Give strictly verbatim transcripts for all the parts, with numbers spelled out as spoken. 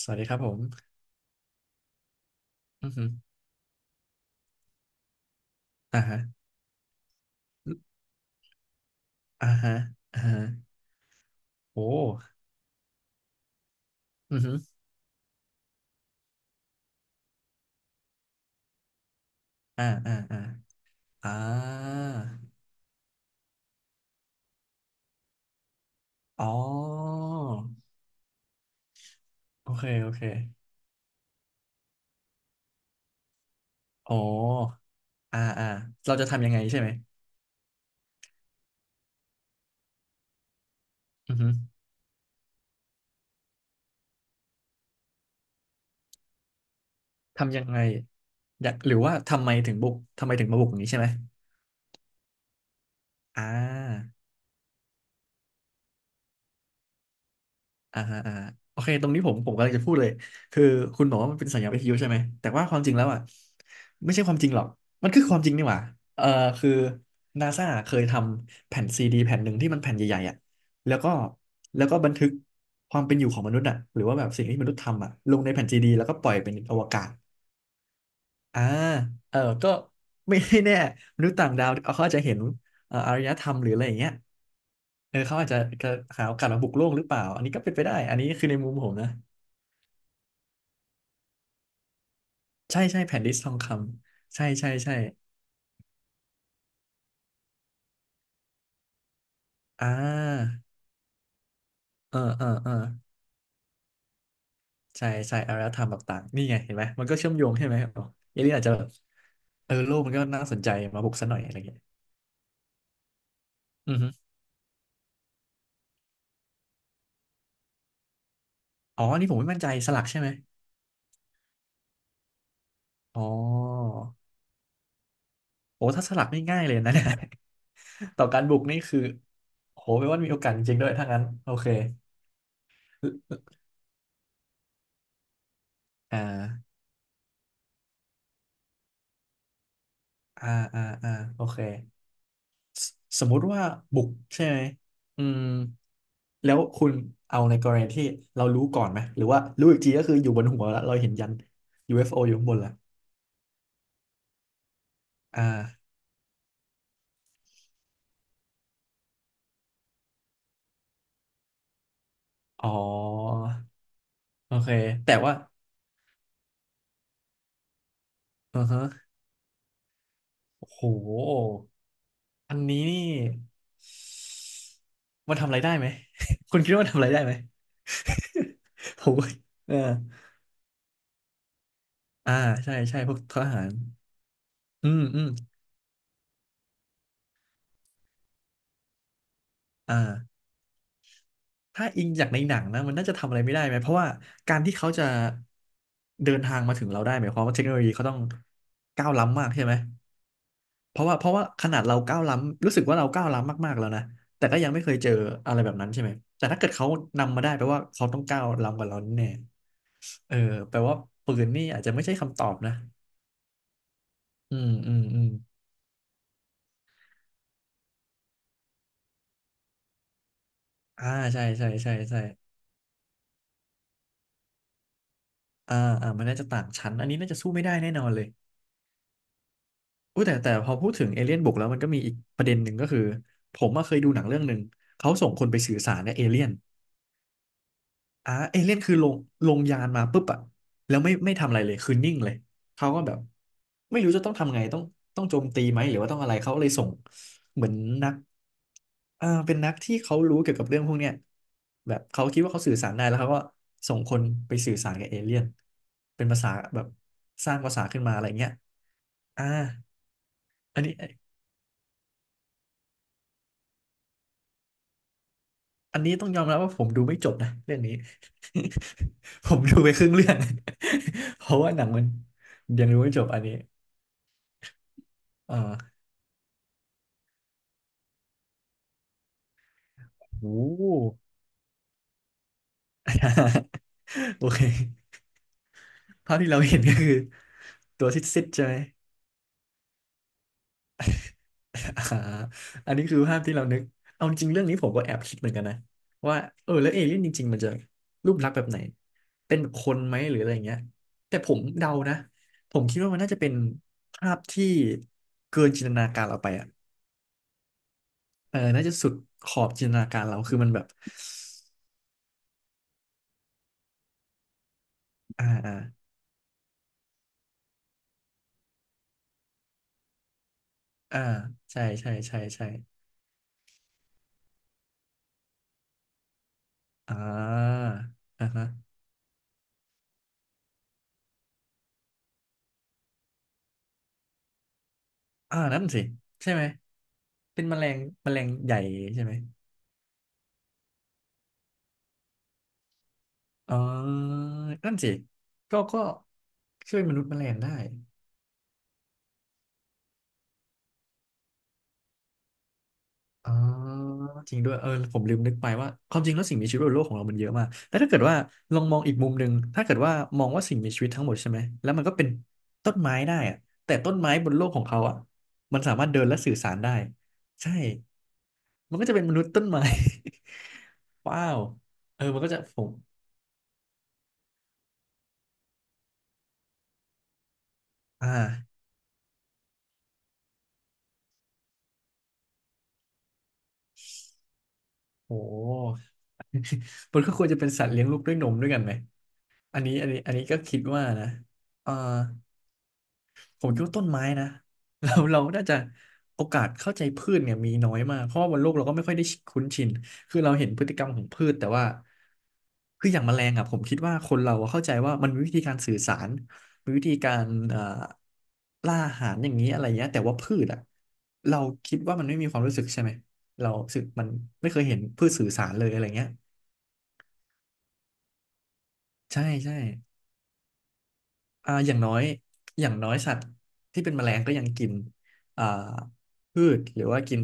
สวัสดีครับผมอือฮึอ่าฮะอ่าฮะ อ่าฮะ โอ้อือฮึอ่าอ่าอ่าอ่าอ๋อโอเค โอเคอ๋ออ่า อ่า เราจะทำยังไงใช่ไหมอือฮึทำยังไงอยากหรือว่าทำไมถึงบุกทำไมถึงมาบุกอย่างนี้ใช่ไหมอ่า อ่าฮะอ่าฮะโอเคตรงนี้ผมผมกำลังจะพูดเลยคือคุณบอกว่ามันเป็นสัญญาวิทยุใช่ไหมแต่ว่าความจริงแล้วอ่ะไม่ใช่ความจริงหรอกมันคือความจริงนี่หว่าเออคือนาซาเคยทำแผ่นซีดีแผ่นหนึ่งที่มันแผ่นใหญ่ๆอ่ะแล้วก็แล้วก็บันทึกความเป็นอยู่ของมนุษย์อ่ะหรือว่าแบบสิ่งที่มนุษย์ทำอ่ะลงในแผ่นซีดีแล้วก็ปล่อยเป็นอวกาศ อ่าเออก็ไม่ แน่มนุษย์ต่างดาวเขาอาจจะเห็นเอ่ออารยธรรมหรืออะไรอย่างเงี้ยเออเขาอาจจะจะหาโอกาสมาบุกโลกหรือเปล่า อันนี้ก็เป็นไปได้ อันนี้คือในมุมผมนะใช่ใช่แผ่นดิสทองคำใช่ใช่ใช่อ่าเออเออเออใช่ใช่อารยธรรมแบบต่างนี่ไงเห็นไหมมันก็เชื่อมโยงใช่ไหมอ๋อเอเลี่ยนอาจจะแบบเออโลกมันก็น่าสนใจมาบุกซะหน่อยอะไรเงี้ยอือฮึอ๋ออันนี่ผมไม่มั่นใจสลักใช่ไหมอ๋อ โอ้ถ้าสลักไม่ง่ายเลยนะเนี่ย ต่อการบุกนี่คือ โหแปลว่ามีโอกาสจริงๆด้วยถ้างั้นโอเคอ่าอ่าอ่าอ่าโอเคสสมมุติว่าบุกใช่ไหม อืมแล้วคุณเอาในกรณีที่เรารู้ก่อนไหม หรือว่ารู้อีกทีก็คืออยู่บนหัวแล้วเราเห็นยัน ยู เอฟ โอ อฟโออยู่ข้างบนละอ่าอ๋อ โอเค แต่ว่าอือฮะโอ้โหอันนี้นี่ มันทำอะไรได้ไหม คุณคิดว่ามันทำอะไรได้ไหม ผมว่าเอออ่าใช่ใช่พวกทหารอืมอืมอ่าถ้าอิงจากในหนังนะมันน่าจะทำอะไรไม่ได้ไหมเพราะว่าการที่เขาจะเดินทางมาถึงเราได้หมายความว่าเทคโนโลยีเขาต้องก้าวล้ำมากใช่ไหมเพราะว่าเพราะว่าขนาดเราก้าวล้ำรู้สึกว่าเราก้าวล้ำมากๆแล้วนะแต่ก็ยังไม่เคยเจออะไรแบบนั้นใช่ไหมแต่ถ้าเกิดเขานำมาได้แปลว่าเขาต้องก้าวล้ำกว่าเราแน่ๆเออแปลว่าปืนนี่อาจจะไม่ใช่คำตอบนะ อืมอืมอืมอ่าใช่ใช่ใช่ใช่อ่าอ่ามันน่าจะต่างชั้นอันนี้น่าจะสู้ไม่ได้แน่นอนเลยอู้แต่แต่พอพูดถึงเอเลี่ยนบุกแล้วมันก็มีอีกประเด็นหนึ่งก็คือผมอะเคยดูหนังเรื่องหนึ่งเขาส่งคนไปสื่อสารกับเอเลี่ยน อ่าเอเลี่ยนคือลงลงยานมาปุ๊บอะแล้วไม่ไม่ทำอะไรเลยคือนิ่งเลยเขาก็แบบไม่รู้จะต้องทำไงต้องต้องโจมตีไหมหรือว่าต้องอะไรเขาเลยส่งเหมือนนักอ่าเป็นนักที่เขารู้เกี่ยวกับเรื่องพวกเนี้ยแบบเขาคิดว่าเขาสื่อสารได้แล้วเขาก็ส่งคนไปสื่อสารกับเอเลี่ยนเป็นภาษาแบบสร้างภาษาขึ้นมาอะไรเงี้ยอ่าอันนี้อันนี้ต้องยอมรับว่าผมดูไม่จบนะเรื่องนี้ ผมดูไปครึ่งเรื่อง เพราะว่าหนังมันยังดูไม่จบอันนี้ อ่าโอ้ โอเคภาพที่เราเห็นก็คือตัวซิดๆใช่ไหมอ่า อันนี้คือภาพที่เรานึกเอาจริงเรื่องนี้ผมก็แอบคิดเหมือนกันนะว่าเออแล้วเอเลี่ยนจริงๆมันจะรูปลักษณ์แบบไหนเป็นแบบคนไหมหรืออะไรอย่างเงี้ยแต่ผมเดานะผมคิดว่ามันน่าจะเป็นภาพที่เกินจินตนาการเราไปอ่ะเออน่าจะสุดขอบจินตนาการเราคือมันแบบอ่าอ่าอ่าใช่ใช่ใช่ใช่อ่าอ่าฮะ อ่านั่นสิใช่ไหมเป็นแมลงแมลงใหญ่ใช่ไหมอ๋อนั่นสิก็ก็ช่วยมนุษย์แมลงได้อ๋อจริงด้วยเออผมลืมนึกไปว่าความจริงแล้วสิ่งมีชีวิตบนโลกของเรามันเยอะมากแต่ถ้าเกิดว่าลองมองอีกมุมหนึ่งถ้าเกิดว่ามองว่าสิ่งมีชีวิตทั้งหมดใช่ไหมแล้วมันก็เป็นต้นไม้ได้อะแต่ต้นไม้บนโลกของเขาอ่ะมันสามารถเดินและสื่อสารได้ใช่มันก็จะเป็นมนุษย์ต้นไม้ ว้าวเออมันก็จะผมอ่าโห มันก็ควรจะเป็นสัตว์เลี้ยงลูกด้วยนมด้วยกันไหมอันนี้อันนี้อันนี้ก็คิดว่านะเอ่อผมคิดว่าต้นไม้นะ เราเราน่าจะโอกาสเข้าใจพืชเนี่ยมีน้อยมากเพราะว่าบนโลกเราก็ไม่ค่อยได้คุ้นชินคือเราเห็นพฤติกรรมของพืชแต่ว่าคืออย่างแมลงอ่ะผมคิดว่าคนเราอะเข้าใจว่ามันมีวิธีการสื่อสารมีวิธีการเอ่อล่าอาหารอย่างนี้อะไรเงี้ยแต่ว่าพืชอ่ะเราคิดว่ามันไม่มีความรู้สึกใช่ไหม เราสึกมันไม่เคยเห็นพืชสื่อสารเลยอะไรเงี้ยใช่ใช่ อ่าอย่างน้อยอย่างน้อยสัตว์ที่เป็นแมลงก็ยังกินอ่าพืชหรือว่ากิน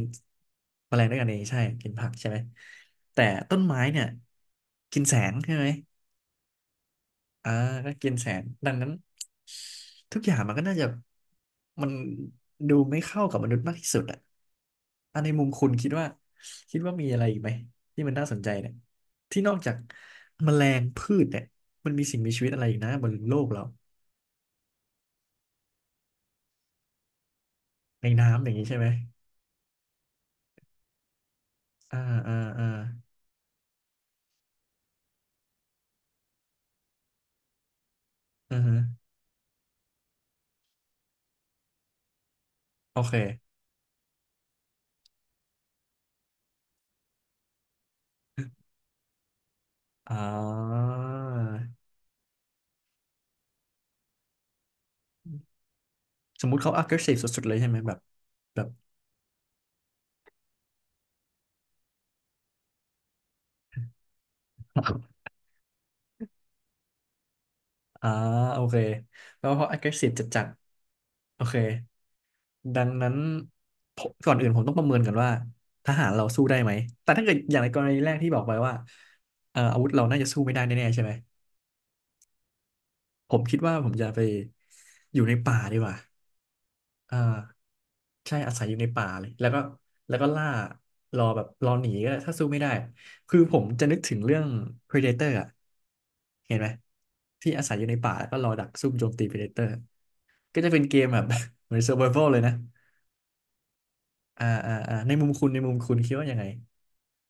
แมลงด้วยกันเองใช่กินผักใช่ไหมแต่ต้นไม้เนี่ยกินแสงใช่ไหมอ่าก็กินแสงดังนั้นทุกอย่างมันก็น่าจะมันดูไม่เข้ากับมนุษย์มากที่สุดอ่ะอ่ะในมุมคุณคิดว่าคิดว่ามีอะไรอีกไหมที่มันน่าสนใจเนี่ยที่นอกจากแมลงพืชเนี่ยมันมีสิ่งมีชีวิตอะไรอีกนะบนโลกเราในน้ำอย่างนี้ใช่ไหม อ่าอ่าอ่าอือฮึโอเคอ่าสมมุติเขา aggressive สุดๆเลยใช่ไหมแบบแบบ อ่าโอเคแล้วพอ aggressive จัดๆโอเคดังนั้นผมก่อนอื่นผมต้องประเมินก่อนว่าทหารเราสู้ได้ไหมแต่ถ้าเกิดอย่างในกรณีแรกที่บอกไปว่าเอ่ออาวุธเราน่าจะสู้ไม่ได้แน่ๆใช่ไหม ผมคิดว่าผมจะไปอยู่ในป่าดีกว่าอ่าใช่อาศัยอยู่ในป่าเลยแล้วก็แล้วก็ล่ารอแบบรอหนีก็ได้ถ้าสู้ไม่ได้คือผมจะนึกถึงเรื่อง Predator อ่ะเห็นไหมที่อาศัยอยู่ในป่าแล้วก็รอดักซุ่มโจมตี Predator ก็จะเป็นเกมแบบ เหมือน Survival เลยนะอ่าอ่าอ่าในมุมคุณในมุมคุณคิดว่ายังไง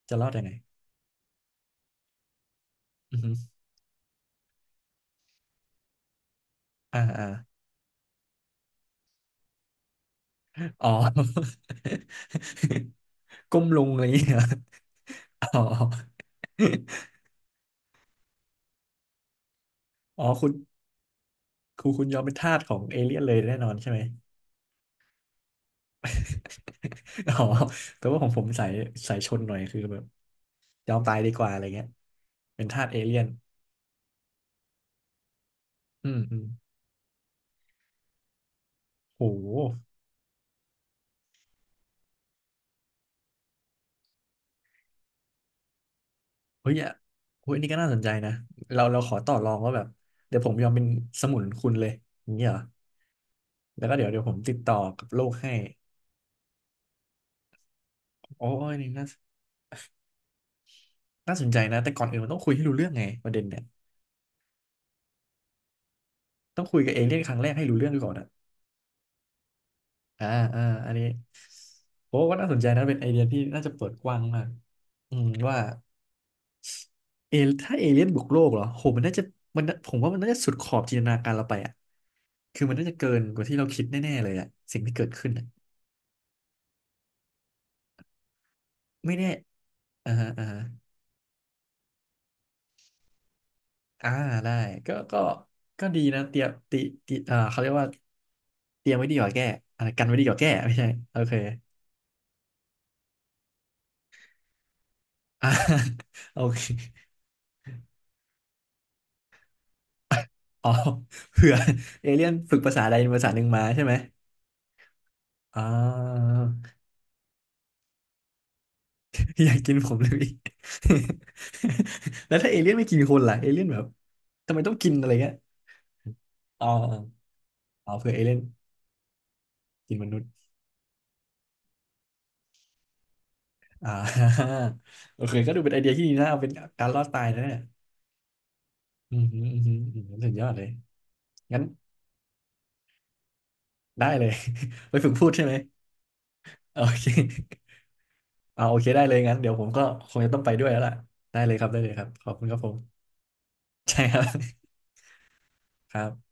จะรอดยังไงอือฮึอ่าอ่าอ๋อ ก้มลงอะไรอย่างเงี้ยอ๋อ อ๋อคุณคุณคุณยอมเป็นทาสของเอเลี่ยนเลยแน่นอนใช่ไหม อ๋อแต่ว่าของผมสายสายชนหน่อยคือแบบยอมตายดีกว่าอะไรเงี้ยเป็นทาสเอเลี่ยนอืมอืมโหเฮ้ยอ่ะเฮ้ยอันนี่ก็น่าสนใจนะเราเราขอต่อรองว่าแบบเดี๋ยวผมยอมเป็นสมุนคุณเลยอย่างเงี้ยเหรอแล้วก็เดี๋ยวเดี๋ยวผมติดต่อกับโลกให้โอ้ยนี่น่าน่าสนใจนะแต่ก่อนอื่นมันต้องคุยให้รู้เรื่องไงประเด็นเนี่ยต้องคุยกับเอเลี่ยนครั้งแรกให้รู้เรื่องก่อนอะ อ่าอ่าอันนี้โอ้ก็น่าสนใจนะเป็นไอเดียที่น่าจะเปิดกว้างมากอืมว่าเอถ้าเอเลี่ยนบุกโลกเหรอโหมันน่าจะมันน่ะผมว่ามันน่าจะสุดขอบจินตนาการเราไปอ่ะคือมันน่าจะเกินกว่าที่เราคิดแน่ๆเลยอ่ะสิ่งที่เกิดขึ้นอะไม่แน่อ่าฮะอ่าฮะอ่าได้ก็ก็ก็ดีนะเตรียมติติอ่าเขาเรียกว่าเตรียมไว้ดีกว่าแก้อะไรกันไว้ดีกว่าแก้ไม่ใช่โอเคอ่า โอเค อ๋อเผื่อเอเลี่ยนฝึกภาษาใดภาษาหนึ่งมาใช่ไหมอ่าอยากกินผมเลยพี่ แล้วถ้าเอเลี่ยนไม่กินคนล่ะเอเลี่ยนแบบทำไมต้องกินอะไรเงี้ยอ๋ออ๋อเผื่อเอเลี่ยนกินมนุษย์อ่า โอเคก็ดูเป็นไอเดียที่ดีนะเอาเป็นการรอดตายนะเนี่ยอืมอหืมออื้อหืออื้อหือสุดยอดเลยงั้นได้เลย ไปฝึกพูดใช่ไหมโอเค เอาโอเคได้เลยงั้นเดี๋ยวผมก็คงจะต้องไปด้วยแล้วล่ะได้เลยครับได้เลยครับขอบคุณครับผม ใช่ครับ ครับ